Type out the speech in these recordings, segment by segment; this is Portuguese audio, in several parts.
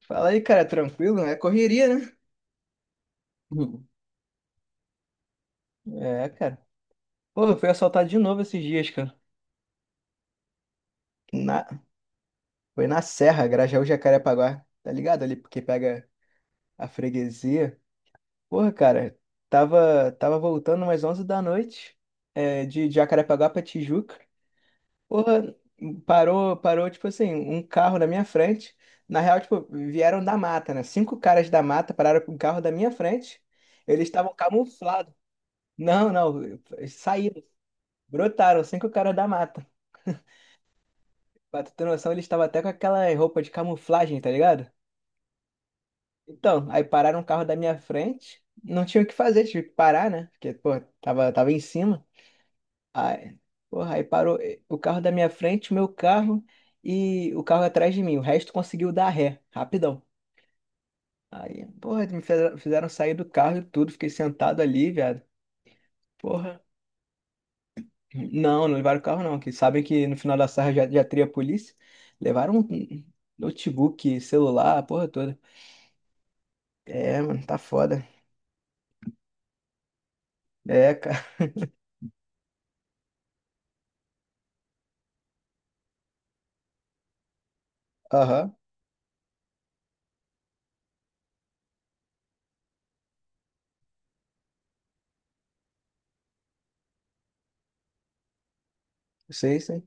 Fala aí, cara, tranquilo? É correria, né? Hum. É, cara. Pô, eu fui assaltado de novo esses dias, cara. Na... Foi na Serra, Grajaú, Jacarepaguá. Tá ligado ali, porque pega a freguesia. Porra, cara, tava voltando umas 11 da noite, de Jacarepaguá pra Tijuca. Porra, parou, tipo assim, um carro na minha frente. Na real, tipo, vieram da mata, né? Cinco caras da mata pararam com um carro da minha frente. Eles estavam camuflados. Não, não, saíram. Brotaram cinco caras da mata. Pra tu ter noção, eles estavam até com aquela roupa de camuflagem, tá ligado? Então, aí pararam o carro da minha frente. Não tinha o que fazer, tive que parar, né? Porque, pô, tava em cima. Aí, porra, aí parou o carro da minha frente, o meu carro e o carro atrás de mim. O resto conseguiu dar ré, rapidão. Aí, porra, me fizeram sair do carro e tudo. Fiquei sentado ali, viado. Porra. Não, não levaram o carro não, que sabem que no final da sarra já teria a polícia. Levaram um notebook, celular, a porra toda. É, mano, tá foda. É, cara. Aham, sei, sei.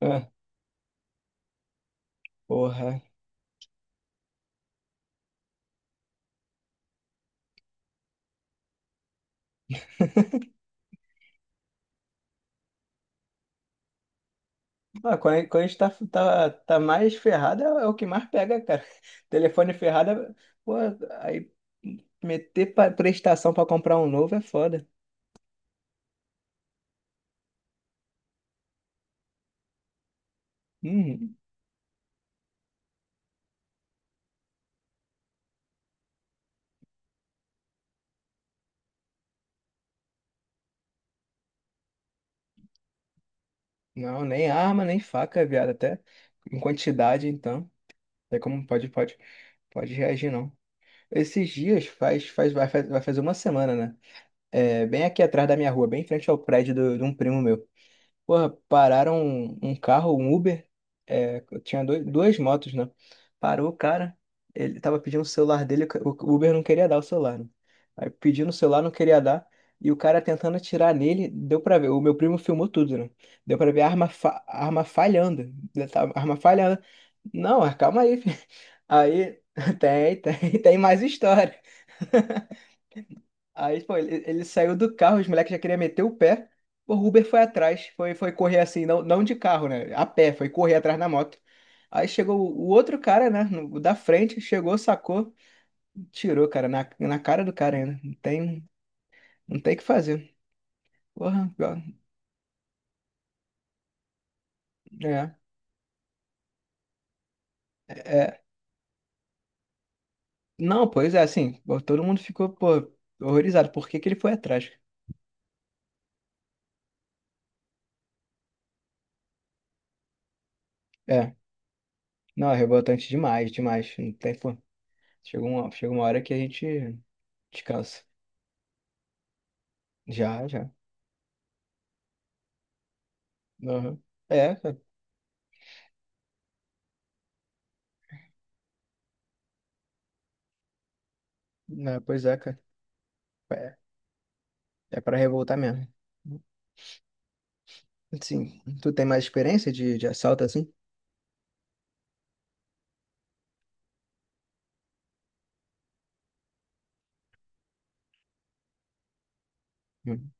Ah, porra. Ah, quando a gente tá mais ferrado, é o que mais pega, cara. Telefone ferrado, pô, aí meter prestação pra comprar um novo é foda. Uhum. Não, nem arma, nem faca, viado, até em quantidade, então. Não sei como pode reagir, não. Esses dias vai fazer uma semana, né? É, bem aqui atrás da minha rua, bem em frente ao prédio de um primo meu. Porra, pararam um carro, um Uber. É, tinha duas motos, né? Parou o cara. Ele tava pedindo o celular dele, o Uber não queria dar o celular, né? Aí pedindo o celular, não queria dar. E o cara tentando atirar nele, deu pra ver. O meu primo filmou tudo, né? Deu pra ver a arma, a arma falhando, né? Tá, A arma falhando. Não, calma aí, filho. Aí tem mais história. Aí, pô, ele saiu do carro, os moleques já queriam meter o pé. Pô, o Uber foi atrás, foi correr assim, não de carro, né? A pé, foi correr atrás na moto. Aí chegou o outro cara, né? O da frente, chegou, sacou, tirou, cara, na cara do cara ainda. Não tem o que fazer. Porra, ó, é, é. é. Não, pois é, assim, pô, todo mundo ficou, pô, horrorizado. Por que que ele foi atrás? É, não, é revoltante demais, demais. Não tem, pô. Chega uma hora que a gente descansa. Já, já. Aham. É, cara. Né, pois é, cara. É, é pra revoltar mesmo. Sim. Tu tem mais experiência de assalto assim? Hum.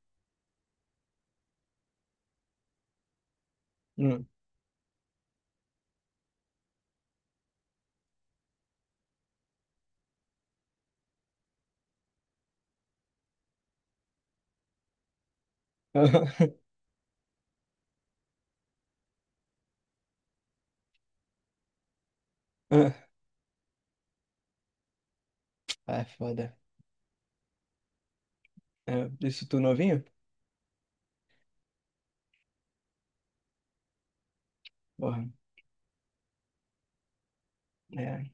Hum. Ah, é foda. É, isso tu novinho? Porra. É.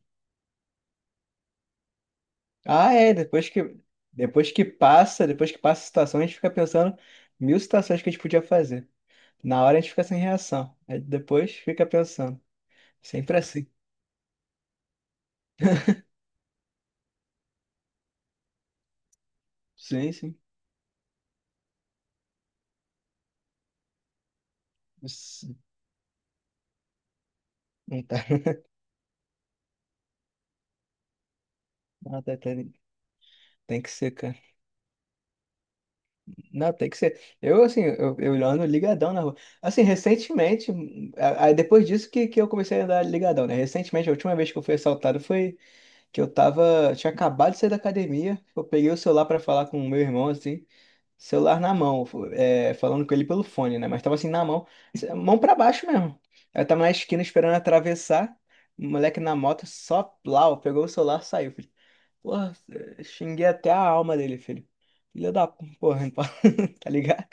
Ah, é. Depois que passa a situação, a gente fica pensando mil situações que a gente podia fazer. Na hora a gente fica sem reação. Aí depois fica pensando. Sempre assim. Sim, sim. Isso. Não tá. Não, tá- tá- Tem que ser, cara. Não, tem que ser. Eu, assim, eu ando ligadão na rua. Assim, recentemente, depois disso que eu comecei a andar ligadão, né? Recentemente, a última vez que eu fui assaltado foi que eu tava, tinha acabado de sair da academia, eu peguei o celular pra falar com o meu irmão, assim, celular na mão, é, falando com ele pelo fone, né? Mas tava assim, na mão, assim, mão pra baixo mesmo. Eu tava na esquina esperando atravessar, o moleque na moto, só plau, pegou o celular, saiu, filho. Porra, xinguei até a alma dele, filho. Filho da porra, tá ligado?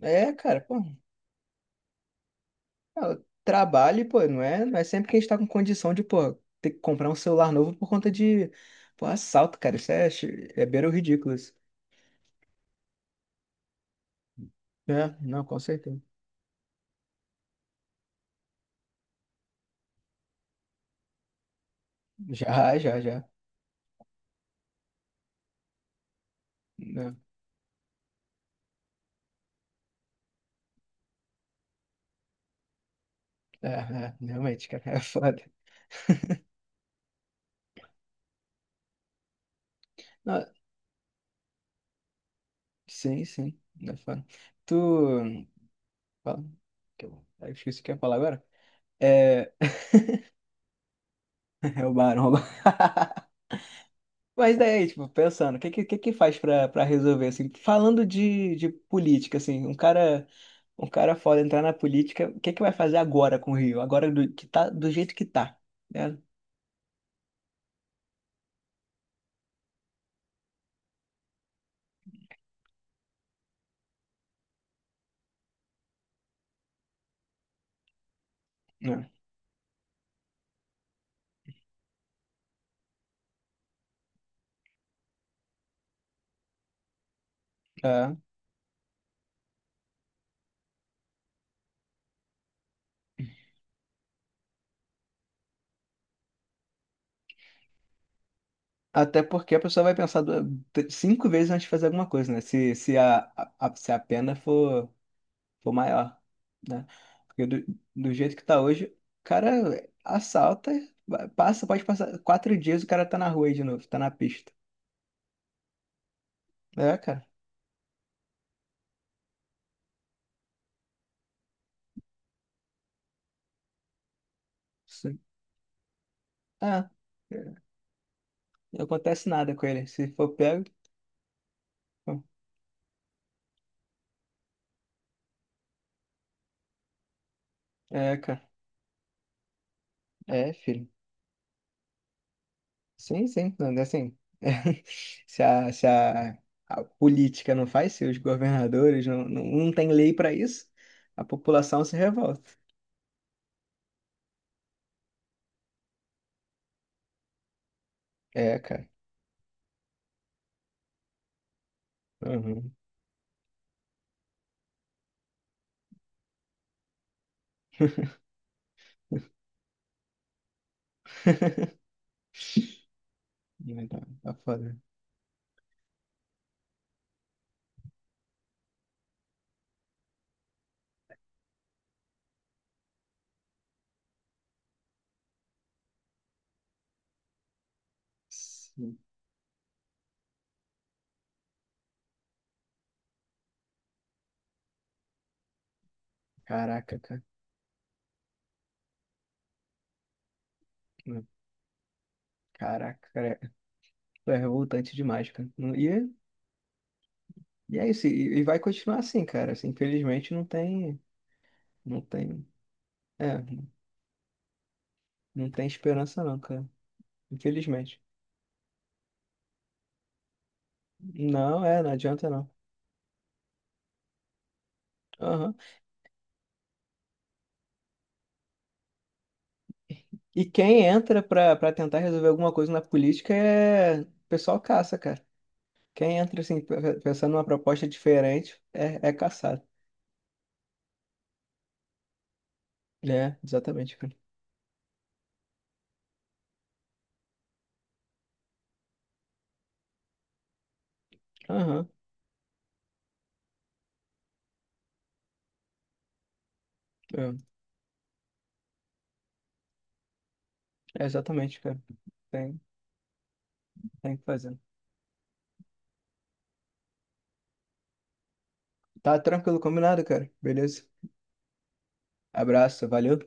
É, cara, pô, ah, trabalho, pô, não é sempre que a gente tá com condição de, pô, ter que comprar um celular novo por conta de, pô, assalto, cara, isso é, é beira o ridículo, isso. É, não, com certeza. Já, já, já. Não, é, é, realmente, cara, é foda. Não, sim, sim, é foda. Tu, fala, que eu esqueci o que eu ia falar agora. É, é o barão. Mas daí, tipo, pensando, o que faz pra pra resolver, assim, falando de política, assim, um cara foda entrar na política, o que que vai fazer agora com o Rio? Agora que tá, do jeito que tá, né? É, é. Até porque a pessoa vai pensar cinco vezes antes de fazer alguma coisa, né? Se a pena for, for maior, né? Porque do jeito que tá hoje, o cara assalta, passa, pode passar 4 dias, o cara tá na rua aí de novo, tá na pista. É, cara. Ah, não acontece nada com ele. Se for pego. É, cara. É, filho. Sim, sim. Não, assim. Se a, a política não faz, se os governadores não tem lei para isso, a população se revolta. É, cara. Uhum. Não, tá foda. Sim. Caraca, cara. Não, Caraca, cara. Pô, é revoltante demais, cara. E é isso. E vai continuar assim, cara. Assim, infelizmente não tem. Não tem. É. Não tem esperança não, cara. Infelizmente. Não, é, não adianta não. Aham. E quem entra pra tentar resolver alguma coisa na política é... O pessoal caça, cara. Quem entra, assim, pensando numa proposta diferente, é caçado. É, exatamente, cara. Aham. É, é exatamente, cara. Tem, tem que fazer. Tá tranquilo, combinado, cara. Beleza? Abraço, valeu.